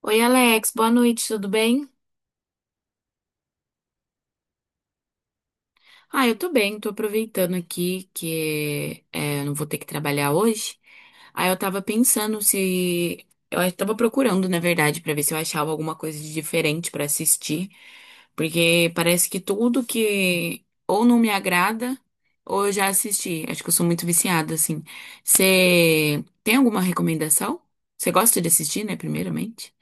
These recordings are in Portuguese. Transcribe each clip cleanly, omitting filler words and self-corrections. Oi, Alex, boa noite, tudo bem? Ah, eu tô bem, tô aproveitando aqui eu não vou ter que trabalhar hoje. Aí eu tava pensando se. Eu tava procurando, na verdade, pra ver se eu achava alguma coisa de diferente pra assistir. Porque parece que tudo que ou não me agrada ou eu já assisti. Acho que eu sou muito viciada, assim. Você tem alguma recomendação? Você gosta de assistir, né, primeiramente?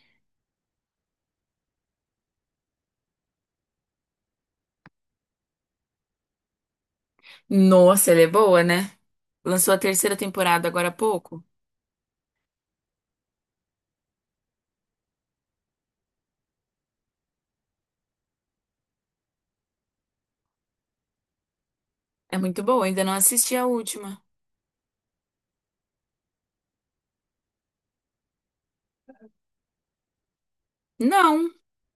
Nossa, ela é boa, né? Lançou a terceira temporada agora há pouco. É muito boa, ainda não assisti a última. Não,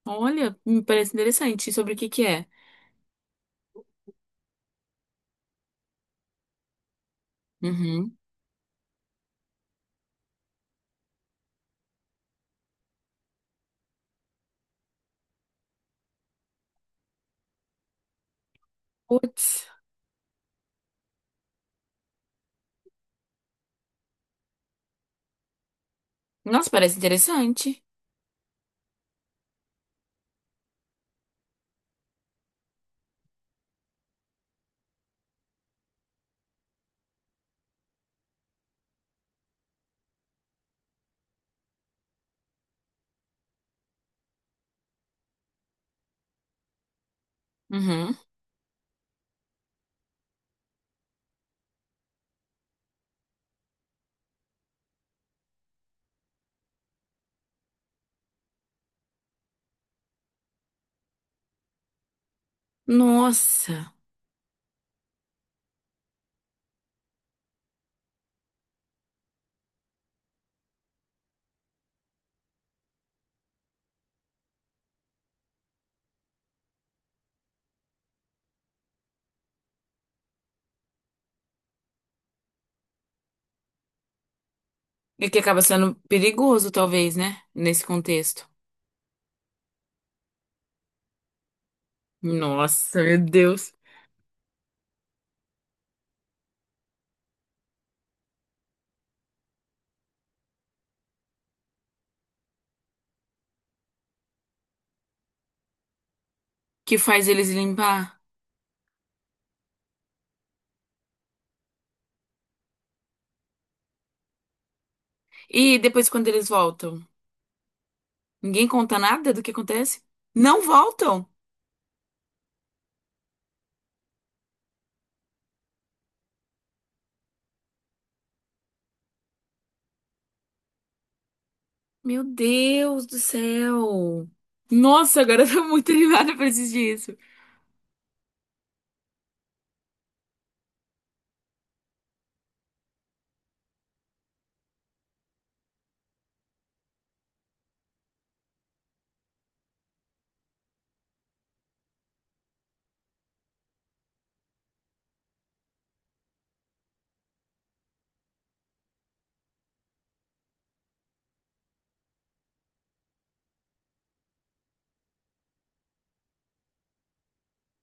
olha, me parece interessante. Sobre o que que é? Uhum. Putz. Nossa, parece interessante. Uhum. Nossa. E que acaba sendo perigoso, talvez, né? Nesse contexto. Nossa, meu Deus. Que faz eles limpar. E depois, quando eles voltam? Ninguém conta nada do que acontece? Não voltam? Meu Deus do céu. Nossa, agora eu tô muito animada pra assistir isso.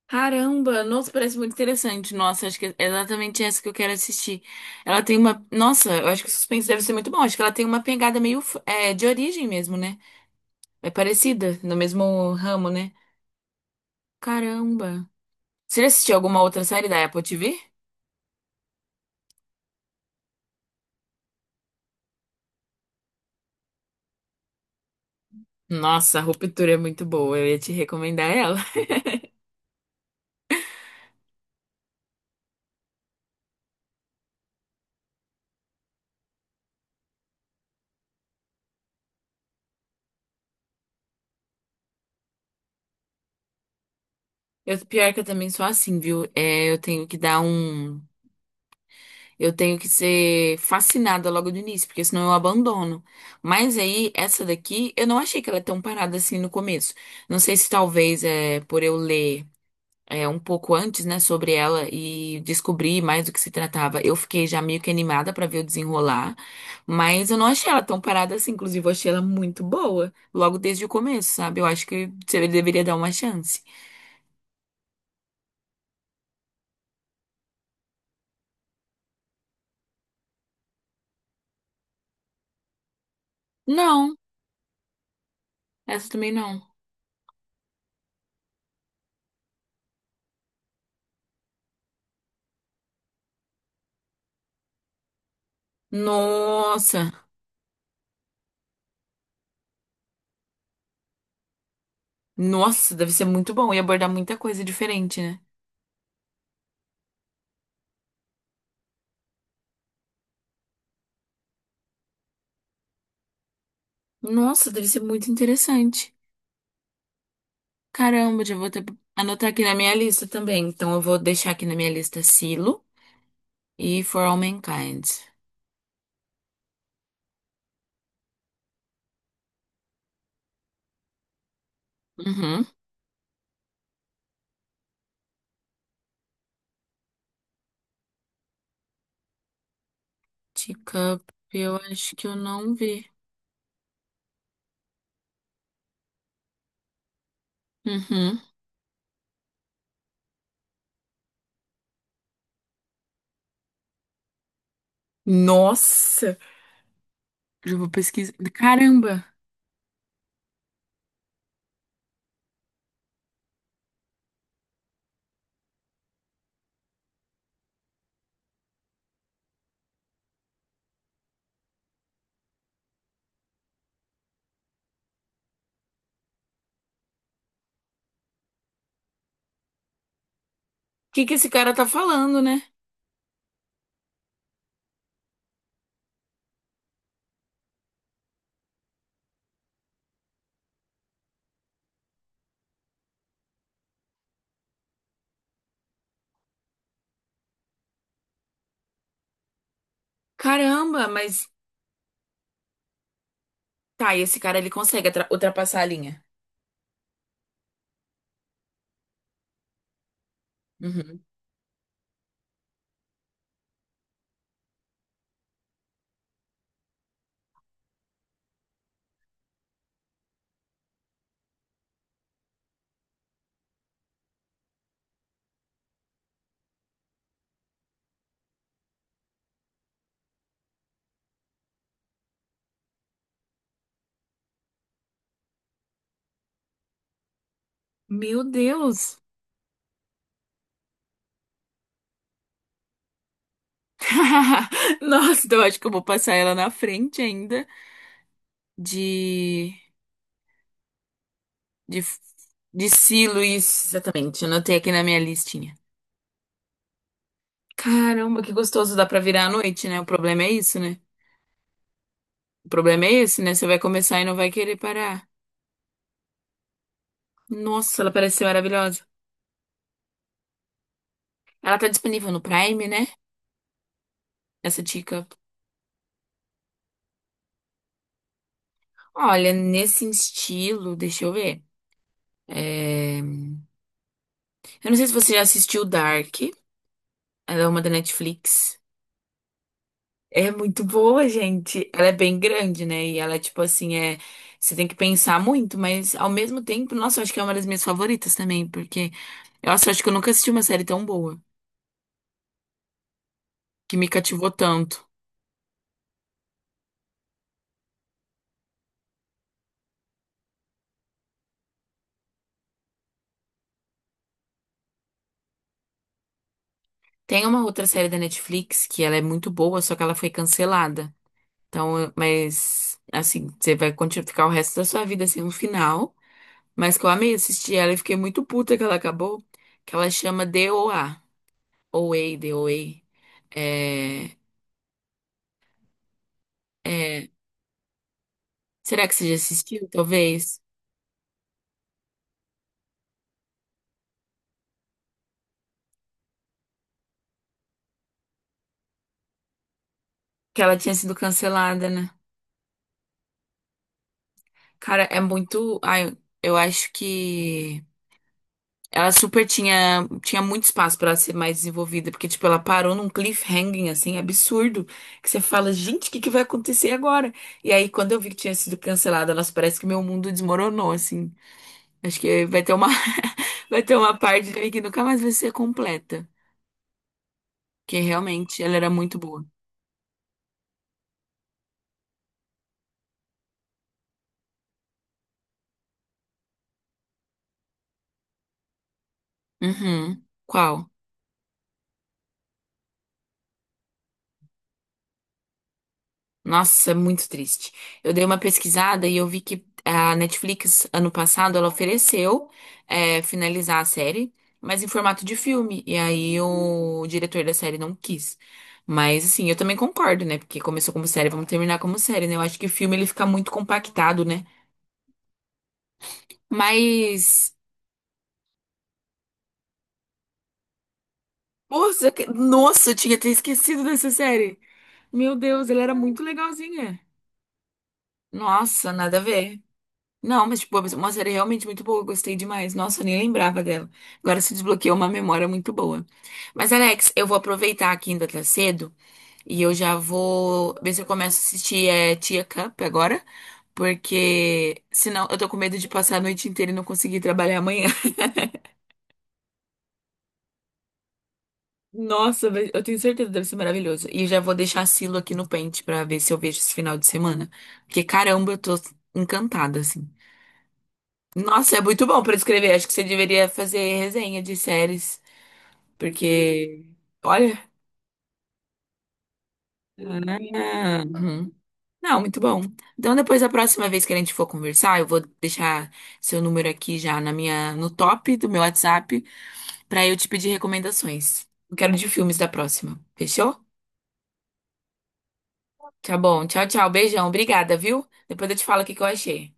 Caramba, nossa, parece muito interessante. Nossa, acho que é exatamente essa que eu quero assistir. Ela tem uma. Nossa, eu acho que o suspense deve ser muito bom. Acho que ela tem uma pegada meio de origem mesmo, né? É parecida, no mesmo ramo, né? Caramba. Você já assistiu alguma outra série da Apple TV? Nossa, a Ruptura é muito boa. Eu ia te recomendar ela. Eu, pior que eu também sou assim, viu? Eu tenho que dar um. Eu tenho que ser fascinada logo do início, porque senão eu abandono. Mas aí, essa daqui, eu não achei que ela é tão parada assim no começo. Não sei se talvez é por eu ler um pouco antes, né, sobre ela e descobrir mais do que se tratava. Eu fiquei já meio que animada pra ver o desenrolar, mas eu não achei ela tão parada assim. Inclusive, eu achei ela muito boa, logo desde o começo, sabe? Eu acho que você deveria dar uma chance. Não, essa também não. Nossa! Nossa, deve ser muito bom e abordar muita coisa diferente, né? Nossa, deve ser muito interessante. Caramba, já vou até anotar aqui na minha lista também. Então eu vou deixar aqui na minha lista Silo e For All Mankind. Uhum. Teacup, eu acho que eu não vi. Uhum. Nossa, já vou pesquisar. Caramba, o que que esse cara tá falando, né? Caramba, mas tá, e esse cara ele consegue ultrapassar a linha? Uhum. Meu Deus. Nossa, então eu acho que eu vou passar ela na frente ainda de de Luiz. Exatamente, anotei aqui na minha listinha. Caramba, que gostoso, dá pra virar à noite, né? O problema é isso, né? O problema é esse, né? Você vai começar e não vai querer parar. Nossa, ela parece ser maravilhosa. Ela tá disponível no Prime, né? Essa dica. Olha, nesse estilo, deixa eu ver. É, Eu não sei se você já assistiu Dark. Ela é uma da Netflix. É muito boa, gente. Ela é bem grande, né? E ela, tipo assim, é. Você tem que pensar muito, mas ao mesmo tempo, nossa, eu acho que é uma das minhas favoritas também, porque nossa, eu acho que eu nunca assisti uma série tão boa, que me cativou tanto. Tem uma outra série da Netflix que ela é muito boa, só que ela foi cancelada. Mas assim, você vai continuar ficar o resto da sua vida sem um final. Mas que eu amei assistir ela e fiquei muito puta que ela acabou, que ela chama DOA, OA, DOA. É, é Será que você já assistiu, talvez? Que ela tinha sido cancelada, né? Cara, é muito. Ai, eu acho que ela super tinha muito espaço pra ela ser mais desenvolvida, porque, tipo, ela parou num cliffhanging, assim, absurdo, que você fala, gente, o que que vai acontecer agora? E aí, quando eu vi que tinha sido cancelada, elas parece que meu mundo desmoronou, assim. Acho que vai ter uma, vai ter uma parte de mim que nunca mais vai ser completa, porque realmente ela era muito boa. Uhum. Qual? Nossa, é muito triste. Eu dei uma pesquisada e eu vi que a Netflix, ano passado, ela ofereceu finalizar a série, mas em formato de filme. E aí o diretor da série não quis. Mas, assim, eu também concordo, né? Porque começou como série, vamos terminar como série, né? Eu acho que o filme ele fica muito compactado, né? Mas. Nossa, nossa, eu tinha até esquecido dessa série. Meu Deus, ela era muito legalzinha. Nossa, nada a ver. Não, mas tipo, uma série realmente muito boa, eu gostei demais. Nossa, eu nem lembrava dela. Agora se desbloqueou uma memória muito boa. Mas, Alex, eu vou aproveitar que ainda tá cedo e eu já vou ver se eu começo a assistir Tia Cup agora, porque senão eu tô com medo de passar a noite inteira e não conseguir trabalhar amanhã. Nossa, eu tenho certeza que deve ser maravilhoso. E já vou deixar a Silo aqui no pente pra ver se eu vejo esse final de semana. Porque, caramba, eu tô encantada, assim. Nossa, é muito bom pra escrever. Acho que você deveria fazer resenha de séries. Porque, olha. Ah, uhum. Não, muito bom. Então, depois, a próxima vez que a gente for conversar, eu vou deixar seu número aqui já na minha, no top do meu WhatsApp pra eu te pedir recomendações. Eu quero de filmes da próxima. Fechou? Tá bom. Tchau, tchau. Beijão. Obrigada, viu? Depois eu te falo o que que eu achei.